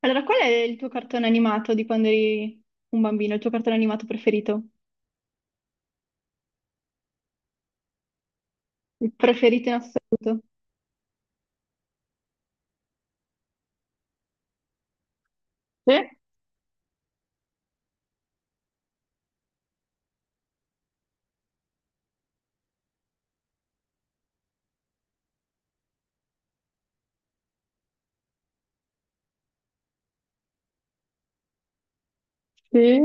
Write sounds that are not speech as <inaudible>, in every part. Allora, qual è il tuo cartone animato di quando eri un bambino? Il tuo cartone animato preferito? Il preferito in assoluto? Sì, sì.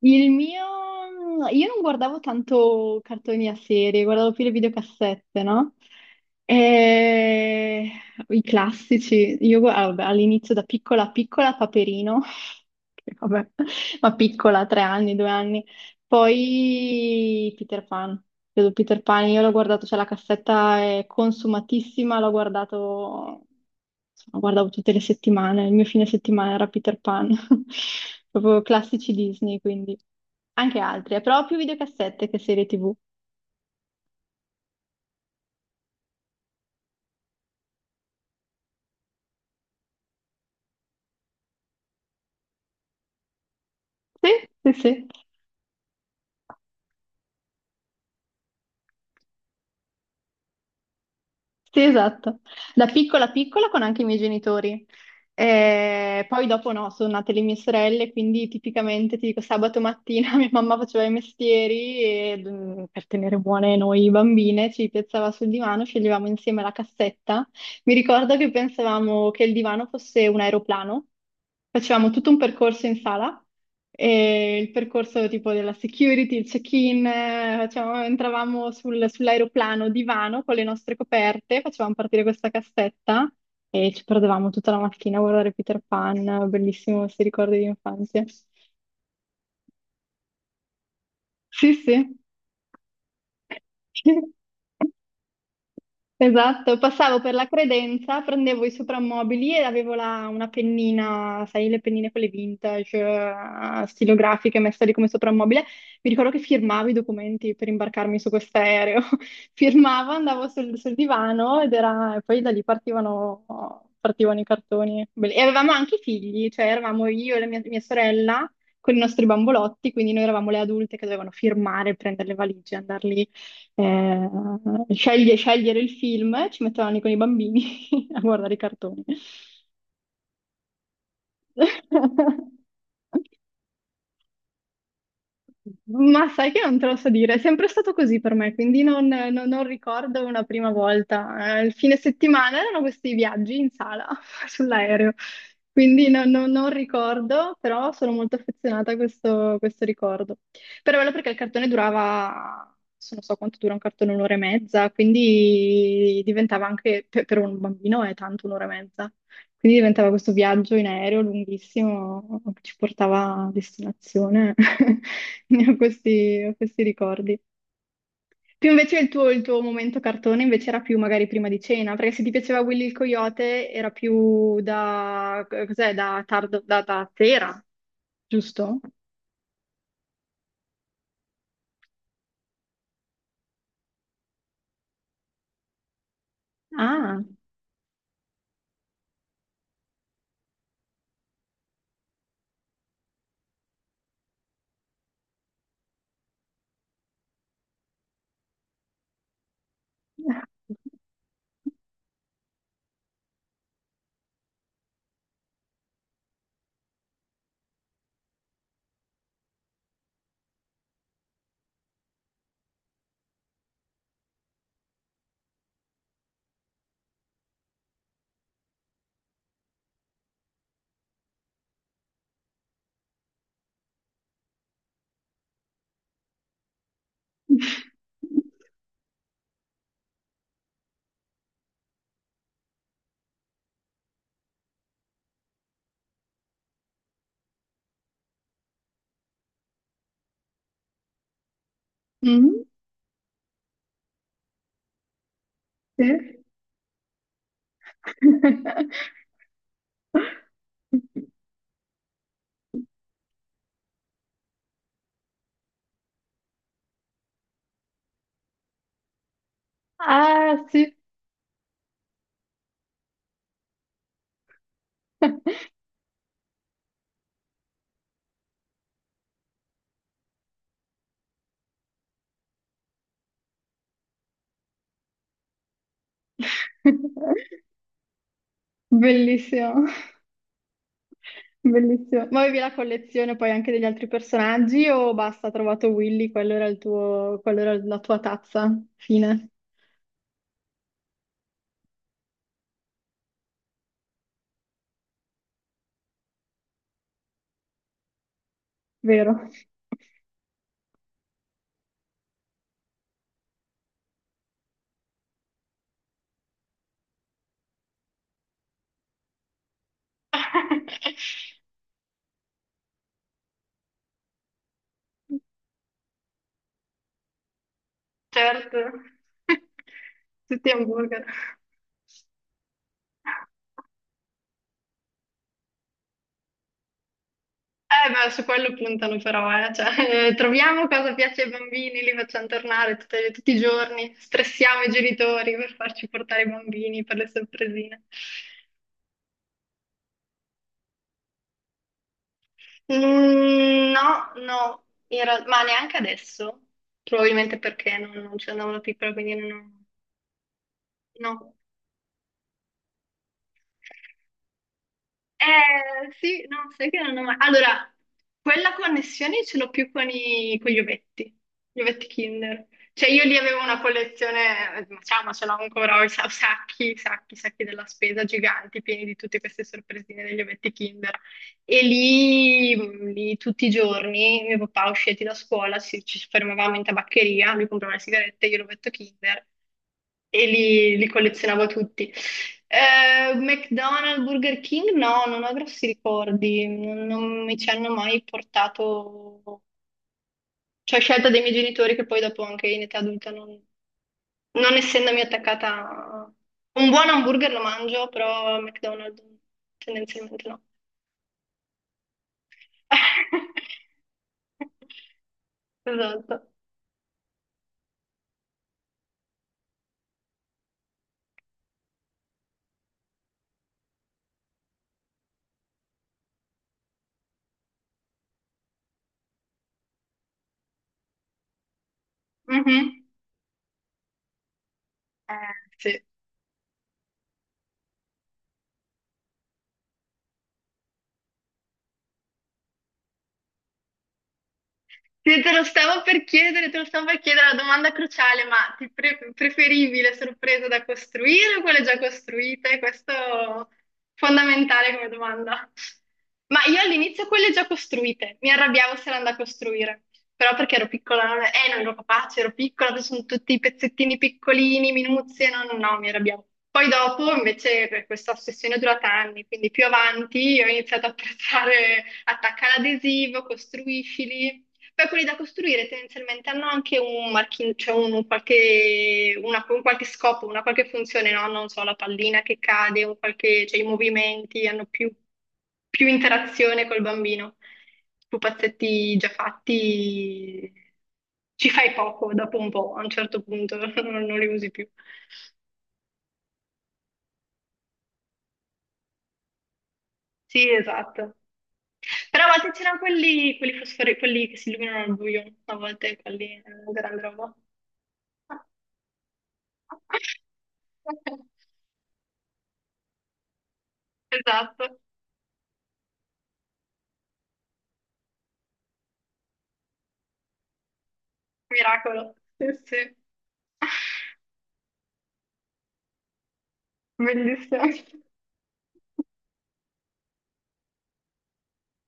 Il mio... Io non guardavo tanto cartoni a serie, guardavo più le videocassette, no? E... I classici. Ah, vabbè, all'inizio da piccola piccola Paperino, <laughs> che vabbè, ma piccola, 3 anni, 2 anni. Poi Peter Pan. Credo Peter Pan, io l'ho guardato, cioè la cassetta è consumatissima, l'ho guardato insomma, guardavo tutte le settimane, il mio fine settimana era Peter Pan, <laughs> proprio classici Disney, quindi anche altri, però più videocassette che serie TV. Sì, sì, sì, sì, esatto. Da piccola piccola con anche i miei genitori. Poi dopo no, sono nate le mie sorelle, quindi tipicamente ti dico sabato mattina <laughs> mia mamma faceva i mestieri e per tenere buone noi bambine ci piazzava sul divano, sceglievamo insieme la cassetta. Mi ricordo che pensavamo che il divano fosse un aeroplano. Facevamo tutto un percorso in sala, e il percorso tipo della security, il check-in, entravamo sull'aeroplano divano con le nostre coperte, facevamo partire questa cassetta e ci perdevamo tutta la mattina a guardare Peter Pan, bellissimo questi ricordi di infanzia. Sì, sì. <laughs> Esatto, passavo per la credenza, prendevo i soprammobili e avevo una pennina, sai, le pennine quelle vintage, stilografiche messe lì come soprammobile. Mi ricordo che firmavo i documenti per imbarcarmi su quest'aereo. <laughs> Firmavo, andavo sul divano ed era, e poi da lì partivano i cartoni. E avevamo anche i figli, cioè eravamo io e la mia sorella con i nostri bambolotti, quindi noi eravamo le adulte che dovevano firmare, prendere le valigie, andarli eh, scegliere il film, ci metteranno lì con i bambini <laughs> a guardare i cartoni. <laughs> Ma sai che non te lo so dire, è sempre stato così per me, quindi non ricordo una prima volta. Il fine settimana erano questi viaggi in sala <laughs> sull'aereo, quindi non ricordo, però sono molto affezionata a questo ricordo. Però è bello perché il cartone durava, se non so quanto dura un cartone, un'ora e mezza, quindi diventava anche, per un bambino è tanto un'ora e mezza, quindi diventava questo viaggio in aereo lunghissimo che ci portava a destinazione. <laughs> Ho questi ricordi. Più invece il tuo momento cartone invece era più magari prima di cena, perché se ti piaceva Willy il Coyote era più da, cos'è, da tardo, da sera, giusto? Ah. Mm, sì. <laughs> Ah, sì. <laughs> Bellissimo, <laughs> bellissimo. Ma avevi la collezione poi anche degli altri personaggi o basta, ha trovato Willy, quello era il tuo, quello era la tua tazza, fine, vero? <laughs> Certo, <laughs> tutti hamburger. Ma su quello puntano però, eh. Cioè, troviamo cosa piace ai bambini, li facciamo tornare tutti i giorni, stressiamo i genitori per farci portare i bambini per le sorpresine. Mm, no, no, ma neanche adesso, probabilmente perché non ci andavo da piccola, quindi no. Sì, no, sai che non ho mai... Allora, quella connessione ce l'ho più con gli ovetti Kinder. Cioè io lì avevo una collezione, ma ciao, ma ce l'ho ancora, ho i sacchi, sacchi, sacchi della spesa giganti, pieni di tutte queste sorpresine degli ovetti Kinder. E lì, lì tutti i giorni, mio papà usciti da scuola, ci fermavamo in tabaccheria, lui comprava le sigarette, io l'ovetto Kinder e li collezionavo tutti. McDonald's, Burger King, no, non ho grossi ricordi, non mi ci hanno mai portato, cioè scelta dei miei genitori che poi dopo anche in età adulta non essendomi attaccata a... Un buon hamburger lo mangio, però McDonald's tendenzialmente no. <laughs> Esatto. Mhm. Eh, sì. Sì, te lo stavo per chiedere la domanda cruciale, ma preferivi le sorprese da costruire o quelle già costruite? Questo è fondamentale come domanda. Ma io all'inizio quelle già costruite, mi arrabbiavo se erano da costruire, però perché ero piccola, non ero capace, ero piccola, sono tutti i pezzettini piccolini, minuzie, no, no, no, mi arrabbiavo. Poi dopo invece questa ossessione è durata anni, quindi più avanti ho iniziato a apprezzare attacca l'adesivo, costruiscili. Beh, quelli da costruire tendenzialmente hanno anche cioè un qualche scopo, una qualche funzione, no? Non so, la pallina che cade, cioè, i movimenti hanno più interazione col bambino. Pupazzetti già fatti ci fai poco dopo un po', a un certo punto <laughs> non li usi più. Sì, esatto. Però a volte c'erano quelli che si illuminano al buio, a volte quelli erano grande roba. <laughs> Esatto, miracolo. Sì, sì, bellissimo.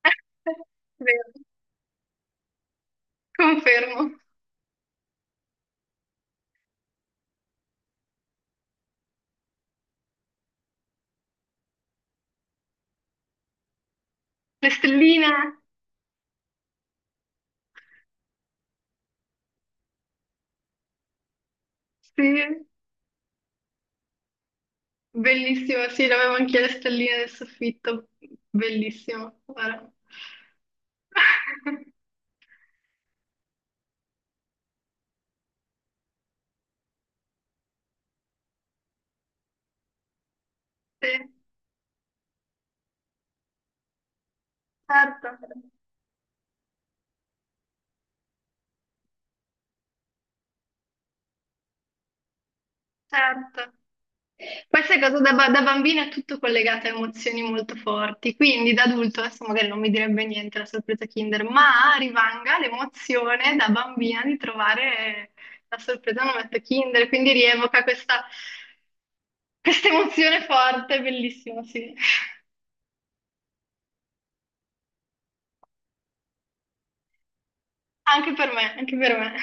<laughs> Vero, confermo. Le stelline, sì, bellissimo, sì, avevo anche le stelline del soffitto, bellissimo. Guarda. <laughs> Sì, certo, certo. Questa cosa da bambina è tutto collegato a emozioni molto forti, quindi da adulto adesso magari non mi direbbe niente la sorpresa Kinder, ma rimanga l'emozione da bambina di trovare la sorpresa un ometto Kinder, quindi rievoca questa emozione forte, bellissimo, sì. Anche per me, anche per me.